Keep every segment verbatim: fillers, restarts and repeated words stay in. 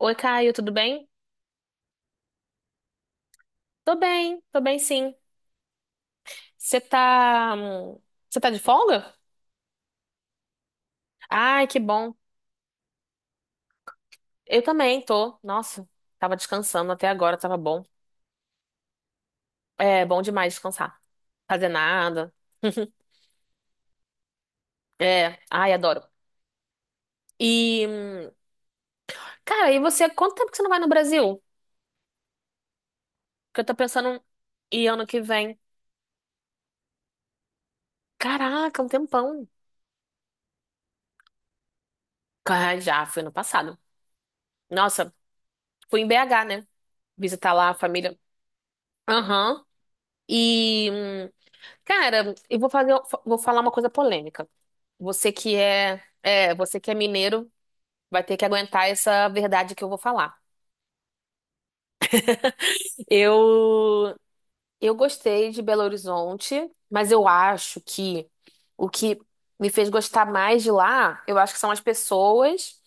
Oi, Caio, tudo bem? Tô bem, tô bem sim. Você tá, hum, você tá de folga? Ai, que bom. Eu também tô. Nossa, tava descansando até agora, tava bom. É bom demais descansar, fazer nada. É, ai, adoro. E, hum, cara, e você, quanto tempo que você não vai no Brasil? Porque eu tô pensando em ir ano que vem. Caraca, um tempão. Ah, já, foi ano passado. Nossa, fui em B agá, né? Visitar lá a família. Aham. E hum, Cara, eu vou fazer, vou falar uma coisa polêmica. Você que é, é, você que é mineiro, vai ter que aguentar essa verdade que eu vou falar. Eu, eu gostei de Belo Horizonte, mas eu acho que o que me fez gostar mais de lá, eu acho que são as pessoas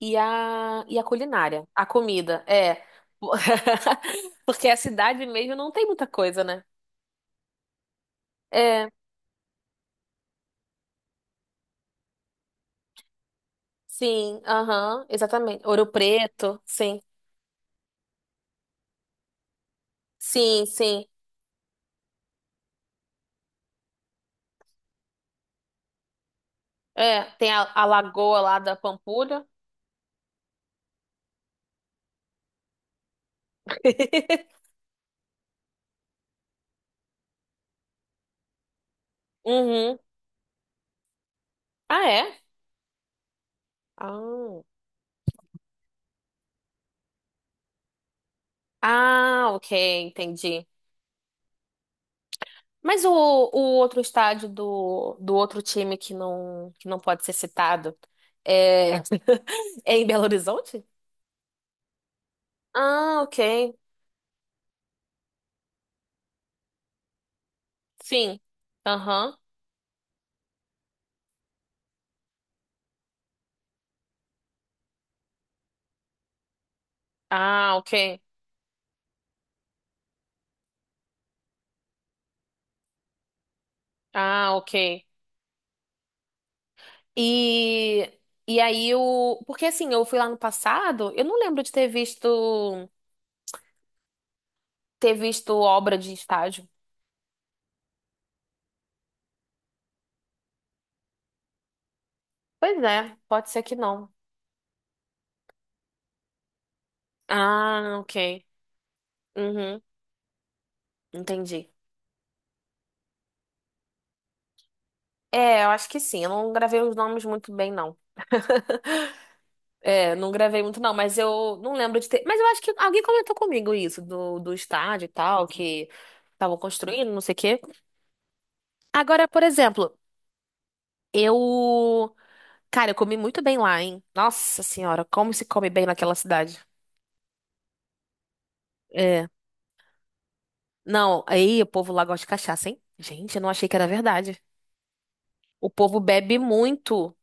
e a, e a culinária, a comida, é. Porque a cidade mesmo não tem muita coisa, né? É, sim, aham, exatamente. Ouro Preto, sim. Sim, sim. É, tem a, a lagoa lá da Pampulha. Uhum. Ah, é? Ah, ah, ok, entendi. Mas o, o outro estádio do, do outro time que não, que não pode ser citado é, é em Belo Horizonte? Ah, ok. Sim. Aham. Ah, ok. Ah, ok. E, e aí o. Porque assim, eu fui lá no passado, eu não lembro de ter visto ter visto obra de estádio. Pois é, pode ser que não. Ah, ok. Uhum, entendi. É, eu acho que sim. Eu não gravei os nomes muito bem, não. É, não gravei muito, não, mas eu não lembro de ter. Mas eu acho que alguém comentou comigo isso, do, do estádio e tal, que estavam construindo, não sei o quê. Agora, por exemplo, eu. Cara, eu comi muito bem lá, hein? Nossa senhora, como se come bem naquela cidade. É. Não, aí o povo lá gosta de cachaça, hein? Gente, eu não achei que era verdade. O povo bebe muito.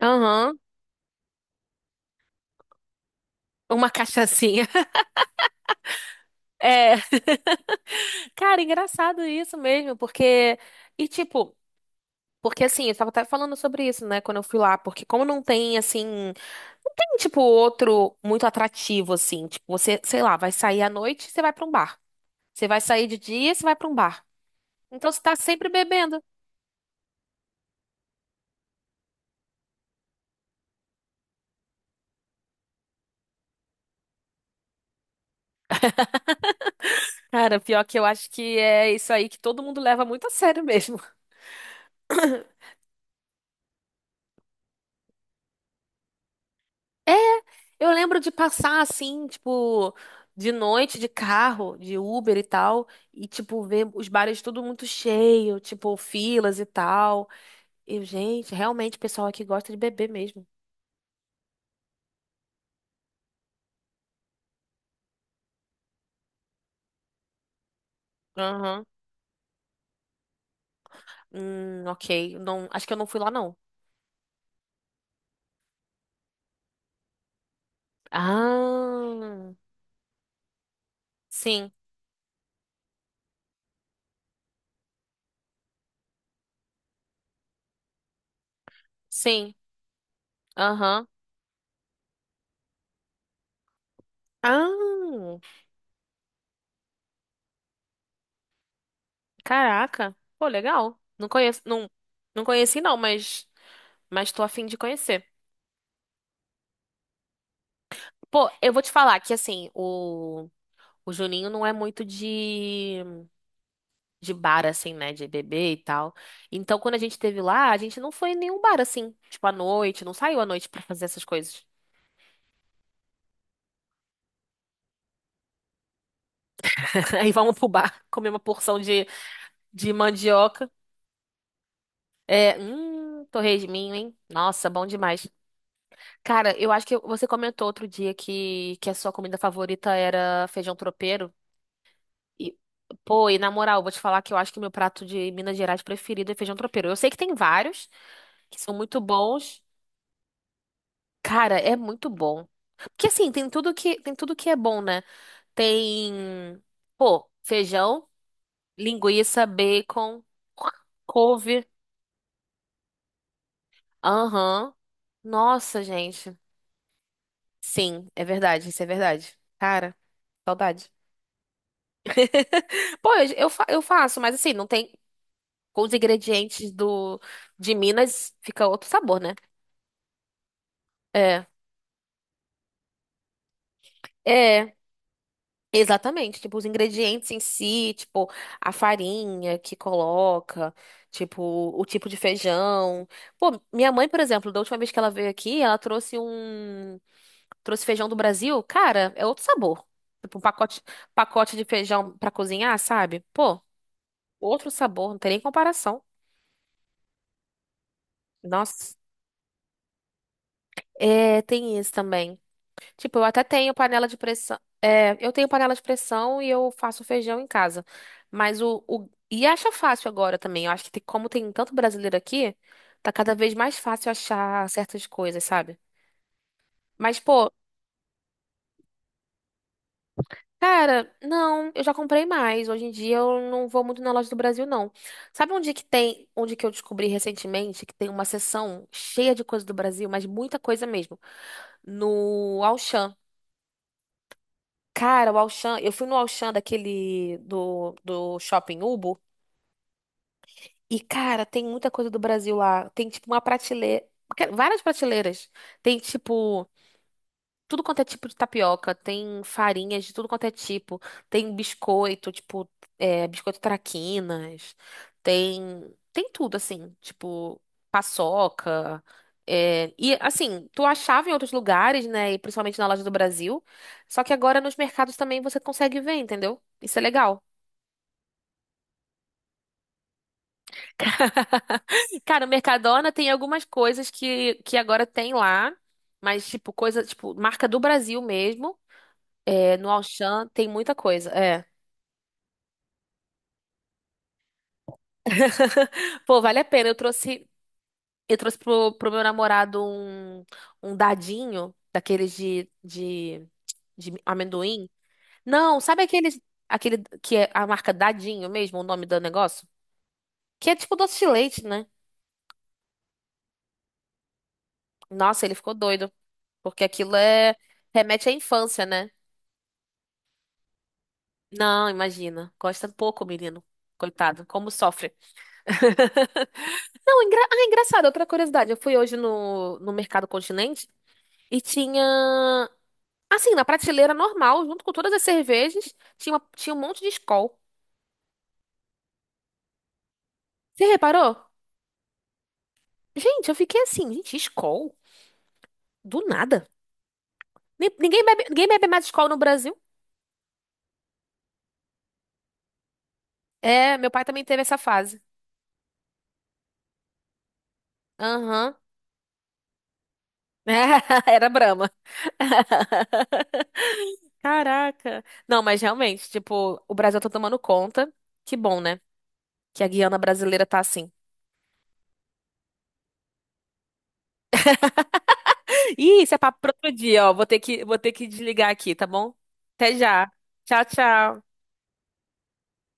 Aham. Uma cachaçinha. É, cara, engraçado isso mesmo, porque. E tipo, porque assim, eu tava até falando sobre isso, né, quando eu fui lá, porque como não tem, assim. Não tem, tipo, outro muito atrativo, assim. Tipo, você, sei lá, vai sair à noite, você vai pra um bar. Você vai sair de dia, você vai pra um bar. Então você tá sempre bebendo. Cara, pior que eu acho que é isso aí que todo mundo leva muito a sério mesmo. Eu lembro de passar assim, tipo, de noite de carro, de Uber e tal, e tipo ver os bares tudo muito cheio, tipo filas e tal. Eu, gente, realmente o pessoal aqui gosta de beber mesmo. Aham. Hum, ok. Não, acho que eu não fui lá não. Ah, sim, sim. Aham. Ah, caraca. Pô, legal. Não conheço, não, não conheci não, mas mas tô a fim de conhecer. Pô, eu vou te falar que assim, o O Juninho não é muito de, de bar, assim, né? De beber e tal. Então, quando a gente teve lá, a gente não foi em nenhum bar, assim. Tipo, à noite, não saiu à noite pra fazer essas coisas. Aí vamos pro bar, comer uma porção de, de mandioca. É, hum, torresminho, hein? Nossa, bom demais. Cara, eu acho que você comentou outro dia que, que a sua comida favorita era feijão tropeiro. E, pô, e na moral, vou te falar que eu acho que o meu prato de Minas Gerais preferido é feijão tropeiro. Eu sei que tem vários que são muito bons. Cara, é muito bom. Porque assim, tem tudo que tem tudo que é bom, né? Tem, pô, feijão, linguiça, bacon, couve. Aham. Nossa, gente. Sim, é verdade, isso é verdade. Cara, saudade. Pô, eu, eu, fa- eu faço, mas assim, não tem com os ingredientes do de Minas fica outro sabor, né? É. É. Exatamente, tipo, os ingredientes em si, tipo, a farinha que coloca, tipo, o tipo de feijão. Pô, minha mãe, por exemplo, da última vez que ela veio aqui, ela trouxe um, trouxe feijão do Brasil, cara, é outro sabor. Tipo, um pacote, pacote de feijão pra cozinhar, sabe? Pô, outro sabor, não tem nem comparação. Nossa, é, tem isso também. Tipo, eu até tenho panela de pressão. É, eu tenho panela de pressão e eu faço feijão em casa. Mas o, o... E acha fácil agora também. Eu acho que tem- como tem tanto brasileiro aqui, tá cada vez mais fácil achar certas coisas, sabe? Mas, pô, cara, não, eu já comprei mais. Hoje em dia eu não vou muito na loja do Brasil, não. Sabe onde que tem, onde que eu descobri recentemente que tem uma seção cheia de coisa do Brasil, mas muita coisa mesmo? No Auchan. Cara, o Auchan, eu fui no Auchan daquele do, do Shopping Ubo e, cara, tem muita coisa do Brasil lá. Tem tipo uma prateleira, várias prateleiras. Tem tipo tudo quanto é tipo de tapioca, tem farinhas de tudo quanto é tipo, tem biscoito, tipo, é, biscoito traquinas, tem, tem tudo, assim, tipo, paçoca. É, e assim, tu achava em outros lugares, né? E principalmente na loja do Brasil. Só que agora nos mercados também você consegue ver, entendeu? Isso é legal. Cara, o Mercadona tem algumas coisas que, que agora tem lá, mas tipo, coisa, tipo, marca do Brasil mesmo. É, no Auchan tem muita coisa. É. Pô, vale a pena. Eu trouxe, eu trouxe pro, pro meu namorado um, um dadinho daqueles de, de, de amendoim. Não, sabe aqueles, aquele que é a marca Dadinho mesmo, o nome do negócio? Que é tipo doce de leite, né? Nossa, ele ficou doido, porque aquilo é remete à infância, né? Não, imagina. Gosta pouco, menino. Coitado, como sofre. Não, engra... ah, engraçado, outra curiosidade. Eu fui hoje no, no Mercado Continente e tinha. Assim, na prateleira normal, junto com todas as cervejas, tinha, uma- tinha um monte de Skol. Você reparou? Gente, eu fiquei assim, gente, Skol? Do nada. Ni- Ninguém bebe, ninguém bebe mais Skol no Brasil. É, meu pai também teve essa fase. Aham. Era Brahma. Caraca. Não, mas realmente, tipo, o Brasil tá tomando conta. Que bom, né? Que a Guiana brasileira tá assim. Ih, isso é papo pra outro dia, ó. Vou ter que, vou ter que desligar aqui, tá bom? Até já. Tchau, tchau.